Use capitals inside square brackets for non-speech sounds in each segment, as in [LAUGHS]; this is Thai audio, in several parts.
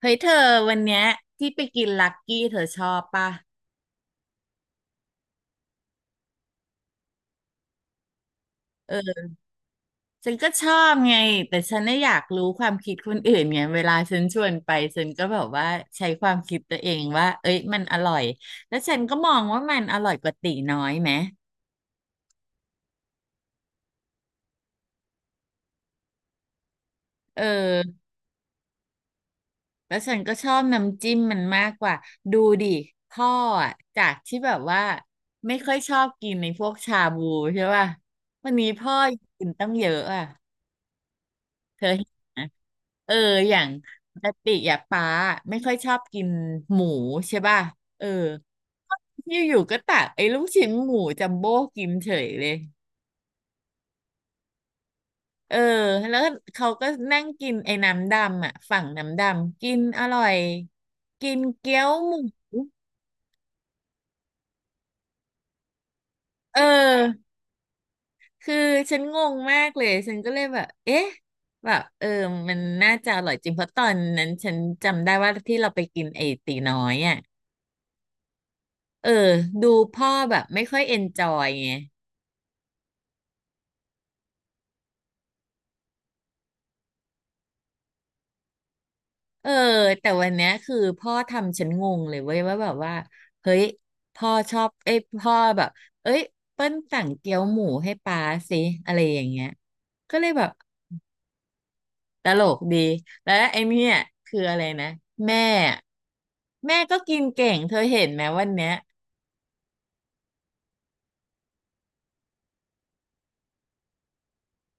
เฮ้ยเธอวันเนี้ยที่ไปกินลักกี้เธอชอบปะเออฉันก็ชอบไงแต่ฉันน่ะอยากรู้ความคิดคนอื่นไงเวลาฉันชวนไปฉันก็แบบว่าใช้ความคิดตัวเองว่าเอ้ยมันอร่อยแล้วฉันก็มองว่ามันอร่อยกว่าตีน้อยไหมเออแล้วฉันก็ชอบน้ำจิ้มมันมากกว่าดูดิพ่ออะจากที่แบบว่าไม่ค่อยชอบกินในพวกชาบูใช่ป่ะวันนี้พ่อกินตั้งเยอะอ่ะเธอเห็นไหม เอออย่างปกติอ่ะป้าไม่ค่อยชอบกินหมูใช่ป่ะเอออยู่ๆก็ตักไอ้ลูกชิ้นหมูจัมโบ้กินเฉยเลยเออแล้วเขาก็นั่งกินไอ้น้ำดำอ่ะฝั่งน้ำดำกินอร่อยกินเกี๊ยวหมูเออคือฉันงงมากเลยฉันก็เลยแบบเอ๊ะแบบเออมันน่าจะอร่อยจริงเพราะตอนนั้นฉันจำได้ว่าที่เราไปกินไอ้ตีน้อยอ่ะเออดูพ่อแบบไม่ค่อยเอนจอยไง เออแต่วันเนี้ยคือพ่อทำฉันงงเลยเว้ยว่าแบบว่าเฮ้ยพ่อชอบเอ้ยพ่อแบบเอ้ยเปิ้ลสั่งเกี๊ยวหมูให้ป๊าสิอะไรอย่างเงี้ยก็เลยแบบตลกดีแล้วไอ้เนี่ยคืออะไรนะแม่แม่ก็กินเก่งเธอเห็นไหมวันเนี้ย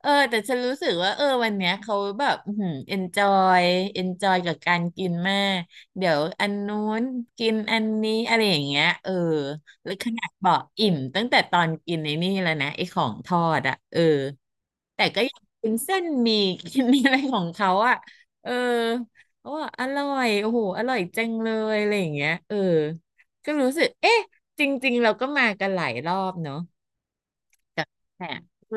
เออแต่ฉันรู้สึกว่าเออวันเนี้ยเขาแบบอืมยเอนจอยกับการกินมากเดี๋ยวอันนู้นกินอันนี้อะไรอย่างเงี้ยเออแล้วขนาดบอกอิ่มตั้งแต่ตอนกินในนี่แล้วนะไอ้ของทอดอ่ะเออแต่ก็ยังกินเส้นหมี่ [LAUGHS] กินอะไรของเขาอ่ะเออเขาบอกอร่อยโอ้โหอร่อยจังเลยอะไรอย่างเงี้ยเออก็รู้สึกเอ๊ะจริงๆเราก็มากันหลายรอบเนาะแต่แต่เออ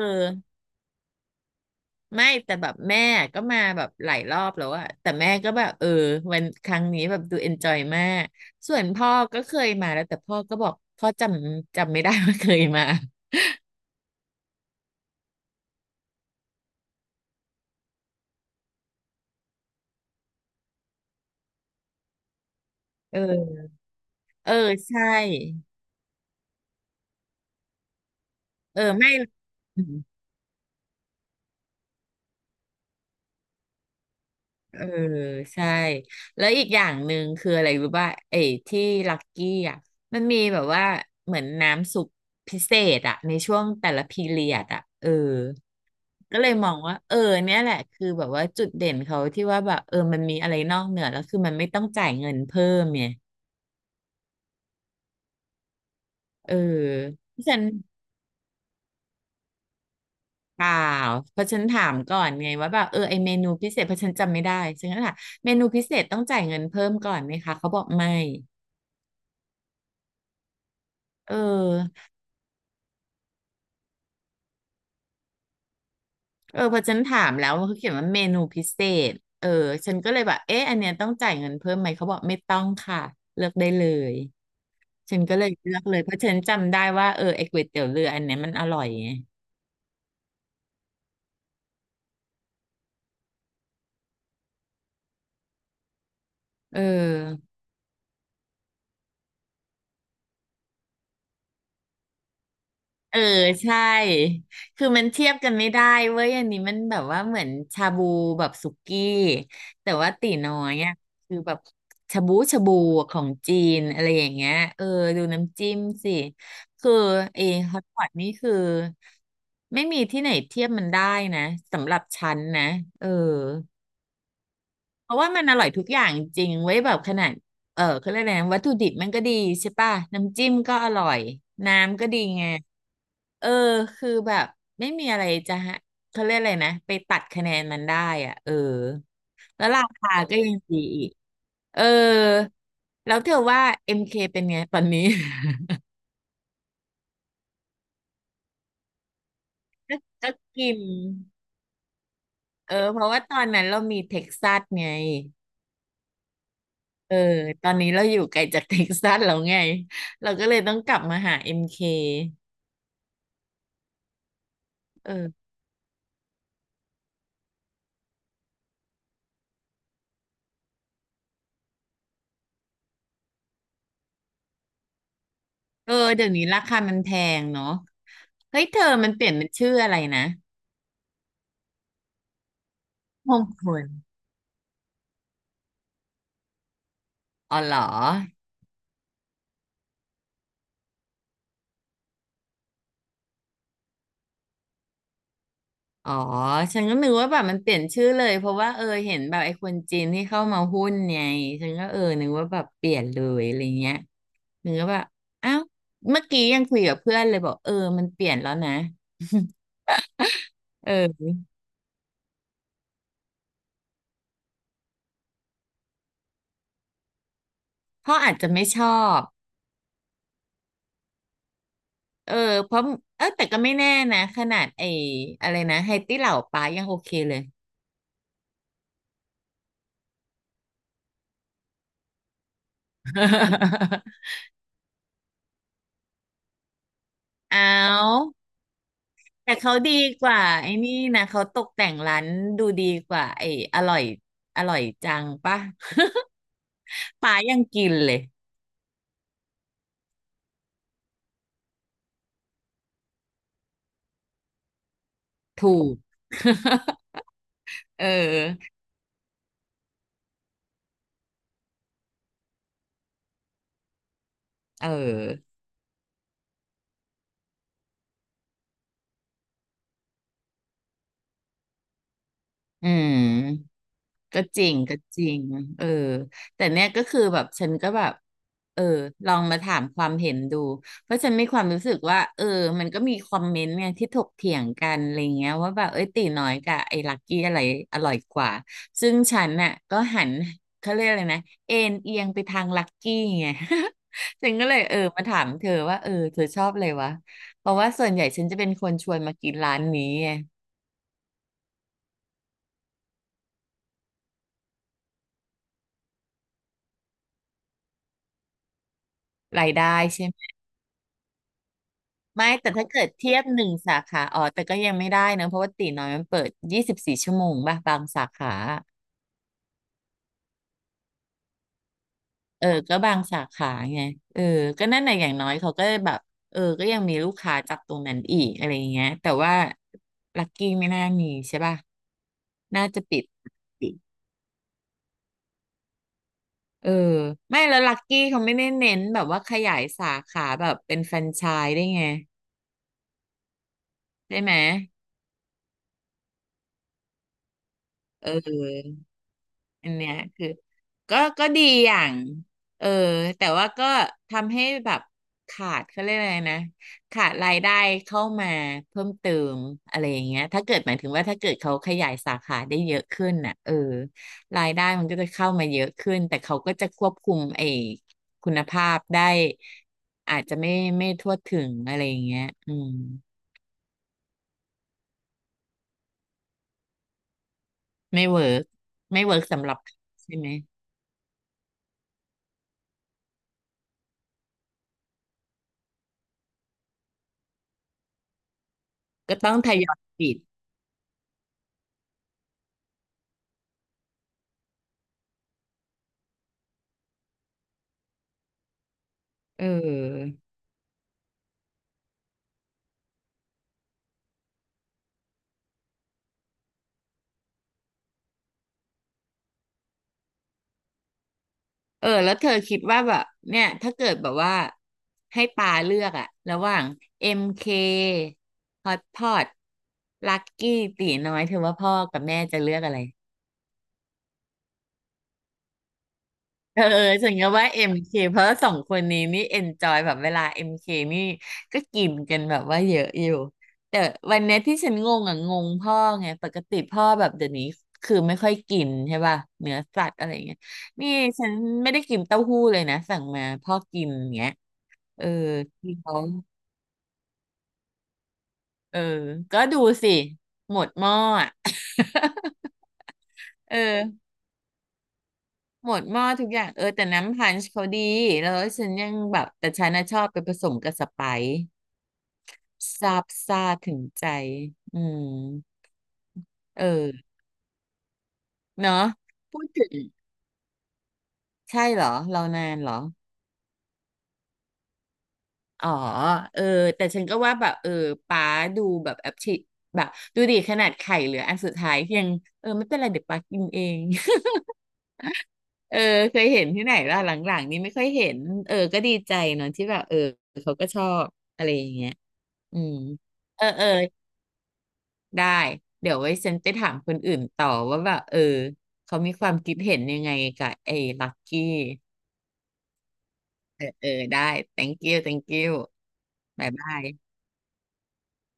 ไม่แต่แบบแม่ก็มาแบบหลายรอบแล้วอะแต่แม่ก็แบบเออวันครั้งนี้แบบดูเอนจอยมากส่วนพ่อก็เคยมาแล้วแต่พ่อก็บอกพ่อจำไม่ได้ว่าเคยมา [LAUGHS] เออเออใช่เออไม่เออใช่แล้วอีกอย่างหนึ่งคืออะไรรู้ป่ะไอ้ที่ลักกี้อ่ะมันมีแบบว่าเหมือนน้ำซุปพิเศษอ่ะในช่วงแต่ละพีเรียดอ่ะเออ ก็เลยมองว่าเออเนี่ยแหละคือแบบว่าจุดเด่นเขาที่ว่าแบบเออมันมีอะไรนอกเหนือแล้วคือมันไม่ต้องจ่ายเงินเพิ่มเนี่ยเออเพราะฉันเปล่าเพราะฉันถามก่อนไงว่าแบบเออไอเมนูพิเศษเพราะฉันจำไม่ได้ฉันก็ถามเมนูพิเศษต้องจ่ายเงินเพิ่มก่อนไหมคะเขาบอกไม่เออเออพอฉันถามแล้วเขาเขียนว่าเมนูพิเศษเออฉันก็เลยแบบเอ๊ะอันเนี้ยต้องจ่ายเงินเพิ่มไหมเขาบอกไม่ต้องค่ะเลือกได้เลย ฉันก็เลยเลือกเลยเพราะฉันจำได้ว่าเออไอ้ก๋วยเตี๋ยวเรืออันเนี้ยมันอร่อยไงเออเออใช่คือมันเทียบกันไม่ได้เว้ยอันนี้มันแบบว่าเหมือนชาบูแบบสุกี้แต่ว่าตี๋น้อยอ่ะคือแบบชาบูชาบูของจีนอะไรอย่างเงี้ยเออดูน้ำจิ้มสิคือเอฮอตพอตนี่คือไม่มีที่ไหนเทียบมันได้นะสำหรับฉันนะเออ เพราะว่ามันอร่อยทุกอย่างจริงเว้ยแบบขนาดเออเขาเรียกอะไรนะวัตถุดิบมันก็ดีใช่ป่ะน้ำจิ้มก็อร่อยน้ำก็ดีไงเออคือแบบไม่มีอะไรจะฮะเขาเรียกอะไรนะไปตัดคะแนนมันได้อ่ะเออแล้วราคาก็ยังดีอีกเออแล้วเธอว่า MK เคเป็นไงตอนนี้ [LAUGHS] ก็กินเออเพราะว่าตอนนั้นเรามีเท็กซัสไง เออตอนนี้เราอยู่ไกลจากเท็กซัสแล้วไงเราก็เลยต้องกลับมาหาเอ็มเคเออเออเดี๋ยวนี้ราคามันแพงเนาะเฮ้ยเธอมันเปลี่ยนเป็นชื่ออะไรนะมงคลอ๋อเหรออ๋อฉันก็นึกว่าแบบมันเปลี่ยนชื่อเลยเพราะว่าเออเห็นแบบไอ้คนจีนที่เข้ามาหุ้นไงฉันก็เออนึกว่าแบบเปลี่ยนเลยอะไรเงี้ยนึกว่าแบบอ้าวเมื่อกี้ยังคุยกับเพื่อนเลยบอกเออมันเปลี่ยนแล้วนะเออเขาอาจจะไม่ชอบ เออเพราะเออแต่ก็ไม่แน่นะขนาดไอ้อะไรนะไฮตี้เหล่าป้ายังโอเคเลย [LAUGHS] เอาแต่เขาดีกว่าไอ้นี่นะเขาตกแต่งร้านดูดีกว่าไอ้อร่อยอร่อยจังป่ะ [LAUGHS] ป้ายังกินเลยถูก [LAUGHS] เออเอออืม ก็จริงก็จริงเออแต่เนี่ยก็คือแบบฉันก็แบบเออลองมาถามความเห็นดูเพราะฉันมีความรู้สึกว่าเออมันก็มีคอมเมนต์ไงที่ถกเถียงกันอะไรเงี้ยว่าแบบเอ้ยตีน้อยกับไอ้ลักกี้อะไรอร่อยกว่าซึ่งฉันน่ะก็หันเขาเรียกอะไรนะเอ็นเอียงไปทางลักกี้ไง [LAUGHS] ฉันก็เลยเออมาถามเธอว่าเออเธอชอบอะไรวะเพราะว่าส่วนใหญ่ฉันจะเป็นคนชวนมากินร้านนี้ไงรายได้ใช่ ไม่แต่ถ้าเกิดเทียบหนึ่งสาขาอ๋อแต่ก็ยังไม่ได้นะเพราะว่าตีน้อยมันเปิด24 ชั่วโมงป่ะบางสาขาเออก็บางสาขาไงเออก็นั่นแหละอย่างน้อยเขาก็แบบเออก็ยังมีลูกค้าจากตรงนั้นอีกอะไรอย่างเงี้ยแต่ว่าลักกี้ไม่น่ามีใช่ป่ะน่าจะปิดปิดเออไม่แล้วลักกี้เขาไม่ได้เน้นแบบว่าขยายสาขาแบบเป็นแฟรนไชส์ได้ไงได้ไหมเออ อันเนี้ยคือก็ดีอย่างเออแต่ว่าก็ทำให้แบบขาดเขาเรียกอะไรนะขาดรายได้เข้ามาเพิ่มเติมอะไรอย่างเงี้ยถ้าเกิดหมายถึงว่าถ้าเกิดเขาขยายสาขาได้เยอะขึ้นน่ะเออรายได้มันก็จะเข้ามาเยอะขึ้นแต่เขาก็จะควบคุมไอ้คุณภาพได้อาจจะไม่ทั่วถึงอะไรอย่างเงี้ยอืมไม่เวิร์กไม่เวิร์กสำหรับใช่ไหมก็ต้องทยอยปิดเออ เออแล้วเธอคิดว่าแบบเนี่ยถ้าเกิดแบบว่าให้ปาเลือกอะระหว่าง MK Hot Pot Lucky ตีน้อยเธอว่าพ่อกับแม่จะเลือกอะไรเออฉันก็ว่า MK เคเพราะสองคนนี้นี่ enjoy แบบเวลา MK นี่ก็กินกันแบบว่าเยอะอยู่แต่วันเนี้ยที่ฉันงงอ่ะงงพ่อไงปกติพ่อแบบเดี๋ยวนี้คือไม่ค่อยกินใช่ป่ะเนื้อสัตว์อะไรอย่างเงี้ยนี่ฉันไม่ได้กินเต้าหู้เลยนะสั่งมาพ่อกินอย่างเงี้ย เออที่เขาเออก็ดูสิหมดหม้ออะ [LAUGHS] เออหมดหม้อทุกอย่างเออแต่น้ำพันช์เขาดีแล้วฉันยังแบบแต่ฉันน่ะชอบไปผสมกับสไปซ์ซาบซ่าถึงใจอืมเออเนาะพูดถึงใช่เหรอเรานานเหรออ๋อเออแต่ฉันก็ว่าแบบเออป้าดูแบบแอปชิแบบดูดิขนาดไข่เหลืออันสุดท้ายยังเออไม่เป็นไรเดี๋ยวป้ากินเอง เออเคยเห็นที่ไหนล่ะหลังๆนี้ไม่ค่อยเห็นเออก็ดีใจเนาะที่แบบเออเขาก็ชอบอะไรอย่างเงี้ยอืมเออเออได้เดี๋ยวไว้ฉันไปถามคนอื่นต่อว่าแบบเออเขามีความคิดเห็นยังไงกับไอ้ลักกี้เออเออได้ thank you thank you บายบาย